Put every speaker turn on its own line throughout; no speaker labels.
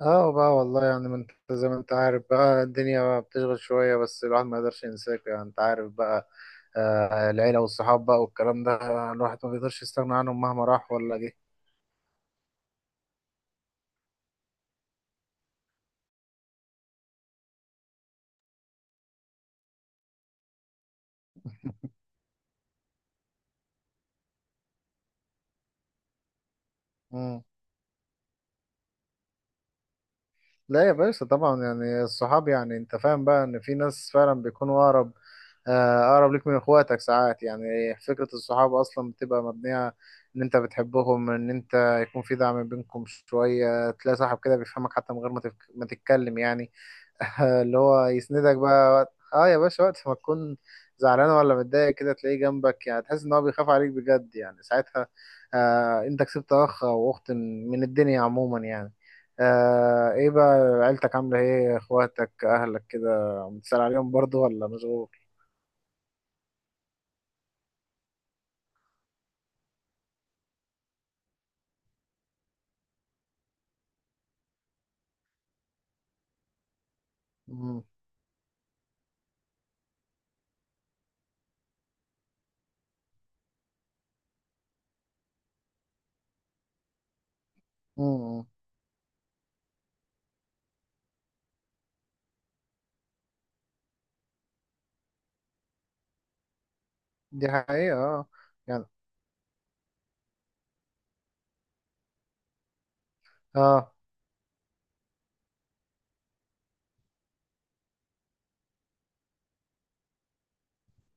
اه بقى والله، يعني ما انت زي ما انت عارف بقى، الدنيا بقى بتشغل شوية بس الواحد ما يقدرش ينساك، يعني انت عارف بقى. آه العيلة والصحاب بقى والكلام ده، الواحد ما بيقدرش يستغنى عنهم مهما راح ولا جه. مم. لا يا باشا، طبعا يعني الصحاب، يعني انت فاهم بقى ان في ناس فعلا بيكونوا اقرب، آه اقرب ليك من اخواتك ساعات. يعني فكرة الصحاب اصلا بتبقى مبنية ان انت بتحبهم، ان انت يكون في دعم بينكم شوية. تلاقي صاحب كده بيفهمك حتى من غير ما ما تتكلم يعني. اللي هو يسندك بقى وقت، اه يا باشا، وقت ما تكون زعلان ولا متضايق كده تلاقيه جنبك، يعني تحس ان هو بيخاف عليك بجد، يعني ساعتها آه انت كسبت اخ او اخت من الدنيا عموما يعني. آه ايه بقى، عيلتك عاملة ايه؟ اخواتك اهلك كده بتسأل عليهم برضو ولا مشغول؟ مم. مم. دي حقيقة اه. يعني اه.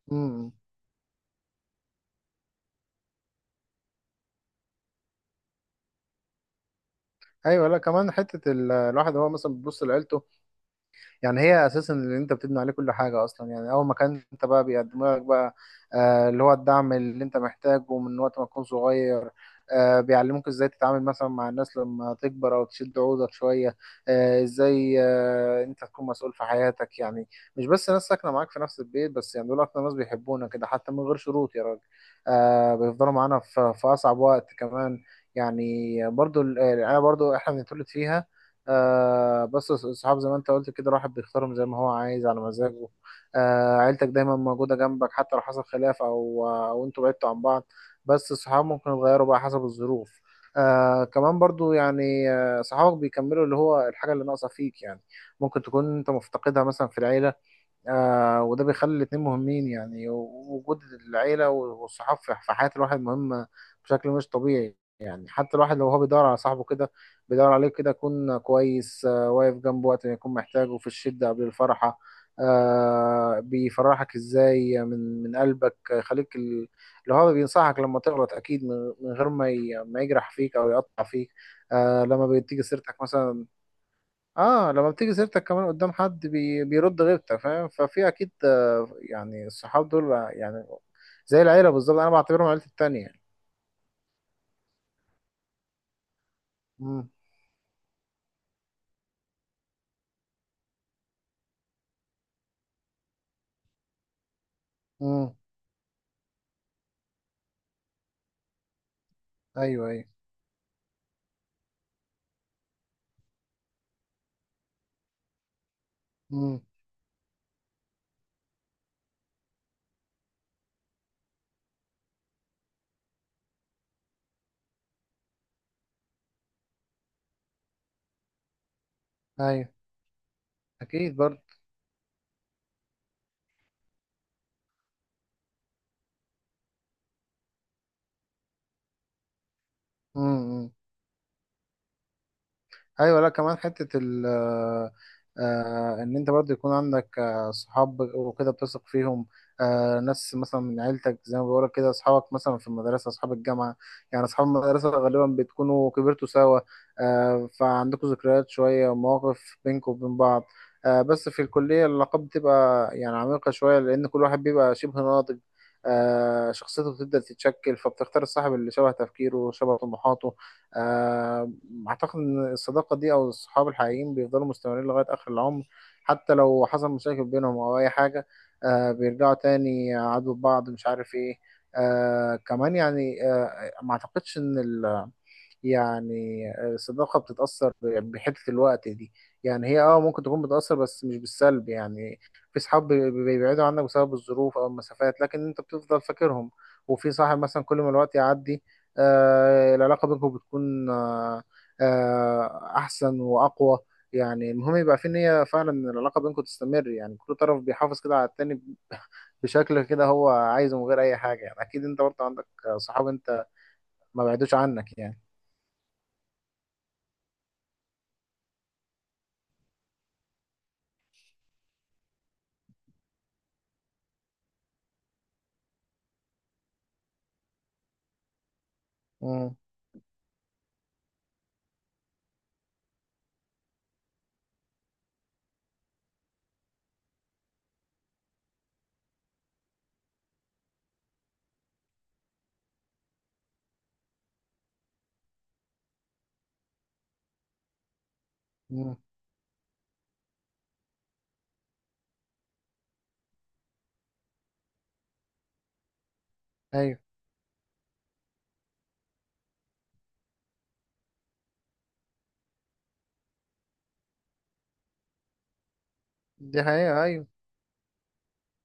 مم. ايوه، لا كمان حتة الواحد هو مثلا بيبص لعيلته. يعني هي اساسا اللي انت بتبني عليه كل حاجه اصلا. يعني اول ما كان انت بقى بيقدموا لك بقى اللي هو الدعم اللي انت محتاجه من وقت ما تكون صغير. آه بيعلموك ازاي تتعامل مثلا مع الناس لما تكبر او تشد عودك شويه. آه ازاي آه انت تكون مسؤول في حياتك يعني. مش بس ناس ساكنه معاك في نفس البيت بس، يعني دول اكتر ناس بيحبونا كده حتى من غير شروط يا راجل. آه بيفضلوا معانا في اصعب وقت كمان. يعني برضو يعني انا برضو احنا بنتولد فيها. آه بس الصحاب زي ما انت قلت كده الواحد بيختارهم زي ما هو عايز على مزاجه. آه عيلتك دايما موجودة جنبك حتى لو حصل خلاف او انتوا بعدتوا عن بعض، بس الصحاب ممكن يتغيروا بقى حسب الظروف. آه كمان برضو يعني، آه صحابك بيكملوا اللي هو الحاجة اللي ناقصة فيك يعني، ممكن تكون انت مفتقدها مثلا في العيلة. آه وده بيخلي الاتنين مهمين. يعني وجود العيلة والصحاب في حياة الواحد مهم بشكل مش طبيعي. يعني حتى الواحد لو هو بيدور على صاحبه كده بيدور عليه كده يكون كويس، آه واقف جنبه وقت ما يكون محتاجه في الشدة قبل الفرحة. آه بيفرحك ازاي من قلبك، يخليك اللي هو بينصحك لما تغلط اكيد من غير ما يجرح فيك او يقطع فيك. آه لما بتيجي سيرتك مثلا. اه لما بتيجي سيرتك كمان قدام حد بيرد غيرتك فاهم. ففي اكيد آه، يعني الصحاب دول يعني زي العيله بالظبط، انا بعتبرهم عيلتي التانية يعني. امم. امم. ايوه. ايوه. امم. ايوه اكيد برضه. امم. إمم. ايوه لا كمان حته ال آه، آه، ان انت برضه يكون عندك آه، صحاب وكده بتثق فيهم. آه، ناس مثلا من عيلتك زي ما بقولك كده، اصحابك مثلا في المدرسه، اصحاب الجامعه. يعني اصحاب المدرسه غالبا بتكونوا كبرتوا سوا، آه، فعندكوا ذكريات شويه ومواقف بينكم وبين بعض. آه، بس في الكليه العلاقات بتبقى يعني عميقه شويه لان كل واحد بيبقى شبه ناضج، آه، شخصيته بتبدأ تتشكل، فبتختار الصاحب اللي شبه تفكيره شبه طموحاته. آه، اعتقد ان الصداقه دي او الصحاب الحقيقيين بيفضلوا مستمرين لغايه اخر العمر، حتى لو حصل مشاكل بينهم او اي حاجه، آه بيرجعوا تاني عدو بعض مش عارف ايه. آه كمان يعني آه ما اعتقدش ان ال يعني الصداقة بتتأثر بحتة الوقت دي. يعني هي اه ممكن تكون بتأثر بس مش بالسلب يعني. في صحاب بيبعدوا عنك بسبب الظروف أو المسافات، لكن أنت بتفضل فاكرهم. وفي صاحب مثلا كل ما الوقت يعدي آه العلاقة بينكم بتكون أحسن وأقوى. يعني المهم يبقى في نية فعلا إن العلاقة بينكم تستمر، يعني كل طرف بيحافظ كده على التاني بشكل كده هو عايزه من غير أي حاجة. يعني أكيد أنت برضه عندك صحاب أنت ما بعدوش عنك يعني. مم. ايوه دي حقيقة ايوه.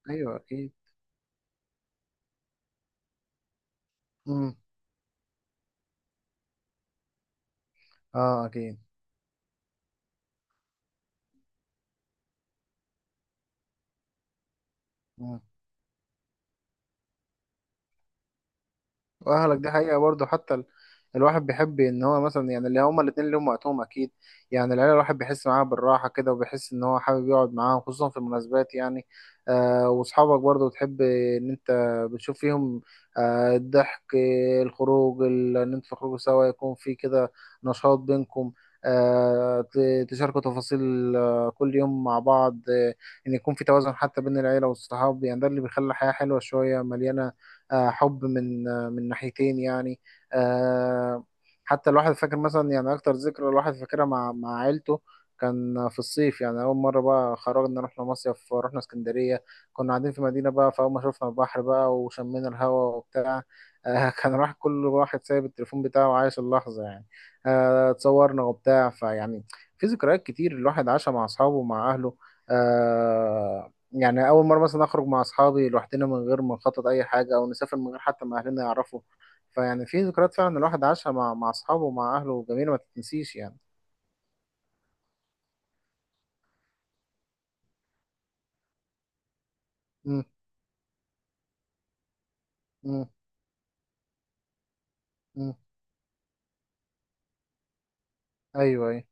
ايوه اكيد. امم. اه اكيد. مم. واهلك دي حقيقة برضه حتى الواحد بيحب ان هو مثلا يعني اللي هما الاتنين ليهم وقتهم اكيد. يعني العيلة الواحد بيحس معاها بالراحة كده وبيحس ان هو حابب يقعد معاهم خصوصا في المناسبات يعني. آه واصحابك برضه بتحب ان انت بتشوف فيهم آه الضحك، آه، الخروج، ان انتوا تخرجوا سوا يكون في كده نشاط بينكم. آه تشاركوا تفاصيل آه كل يوم مع بعض، آه ان يكون في توازن حتى بين العيلة والصحاب، يعني ده اللي بيخلي الحياة حلوة شوية مليانة، آه، حب من آه، من ناحيتين يعني. آه، حتى الواحد فاكر مثلا يعني اكتر ذكرى الواحد فاكرها مع عيلته، كان في الصيف. يعني اول مره بقى خرجنا، رحنا مصيف، رحنا اسكندريه. كنا قاعدين في مدينه بقى، فاول ما شفنا البحر بقى وشمينا الهواء وبتاع، آه، كان راح كل واحد سايب التليفون بتاعه وعايش اللحظه يعني. آه، اتصورنا وبتاع فيعني في ذكريات كتير الواحد عاشها مع اصحابه ومع اهله. آه، يعني أول مرة مثلا أخرج مع أصحابي لوحدنا من غير ما نخطط أي حاجة أو نسافر من غير حتى ما أهلنا يعرفوا. فيعني في ذكريات فعلا الواحد عاشها مع أصحابه ومع أهله جميلة ما تتنسيش يعني. مم. مم. مم. أيوه أيوه.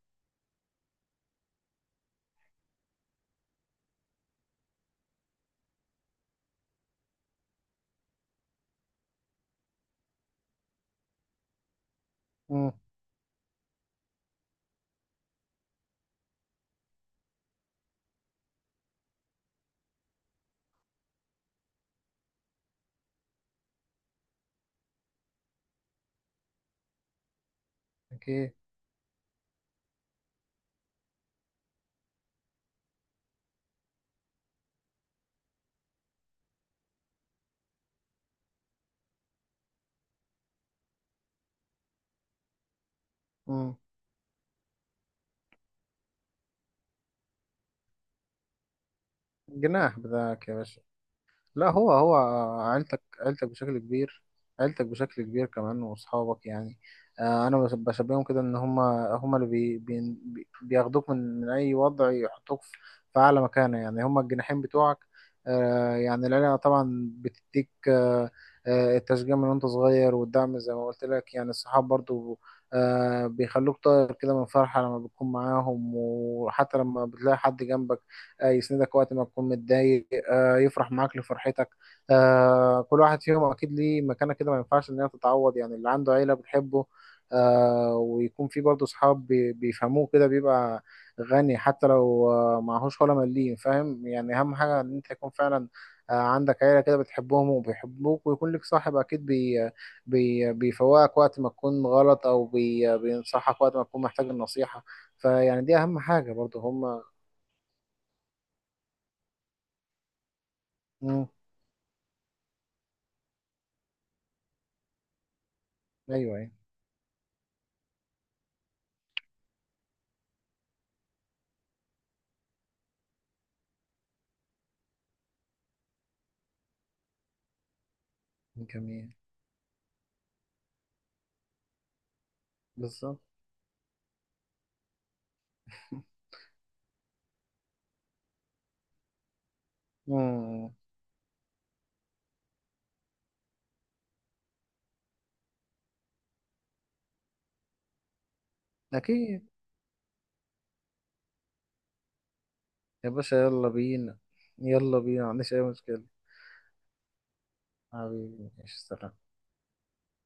مم. أكيد. مم. جناح بذاك يا باشا. لا هو هو، عيلتك بشكل كبير، عيلتك بشكل كبير كمان وأصحابك يعني. آه، أنا بشبههم كده إن هما هما اللي بياخدوك من أي وضع يحطوك في أعلى مكانة، يعني هما الجناحين بتوعك. آه، يعني العيلة طبعا بتديك التشجيع من وأنت صغير والدعم زي ما قلت لك، يعني الصحاب برضو آه، بيخلوك طاير كده من فرحة لما بتكون معاهم، وحتى لما بتلاقي حد جنبك آه، يسندك وقت ما تكون متضايق آه، يفرح معاك لفرحتك. آه، كل واحد فيهم اكيد ليه مكانه كده ما ينفعش ان هي تتعوض، يعني اللي عنده عيله بتحبه آه، ويكون في برضه صحاب بيفهموه كده، بيبقى غني حتى لو آه، معهوش ولا مليم فاهم. يعني اهم حاجه ان انت يكون فعلا آه، عندك عيله كده بتحبهم وبيحبوك ويكون لك صاحب اكيد بي بي بيفوقك وقت ما تكون غلط او بينصحك وقت ما تكون محتاج النصيحه، فيعني دي اهم حاجه برضه هم. مم. ايوه أيوة. جميل. بالظبط. مم. أكيد. يا باشا يلا بينا، يلا بينا ما عنديش أي مشكلة. حبيبي ماشي سلام.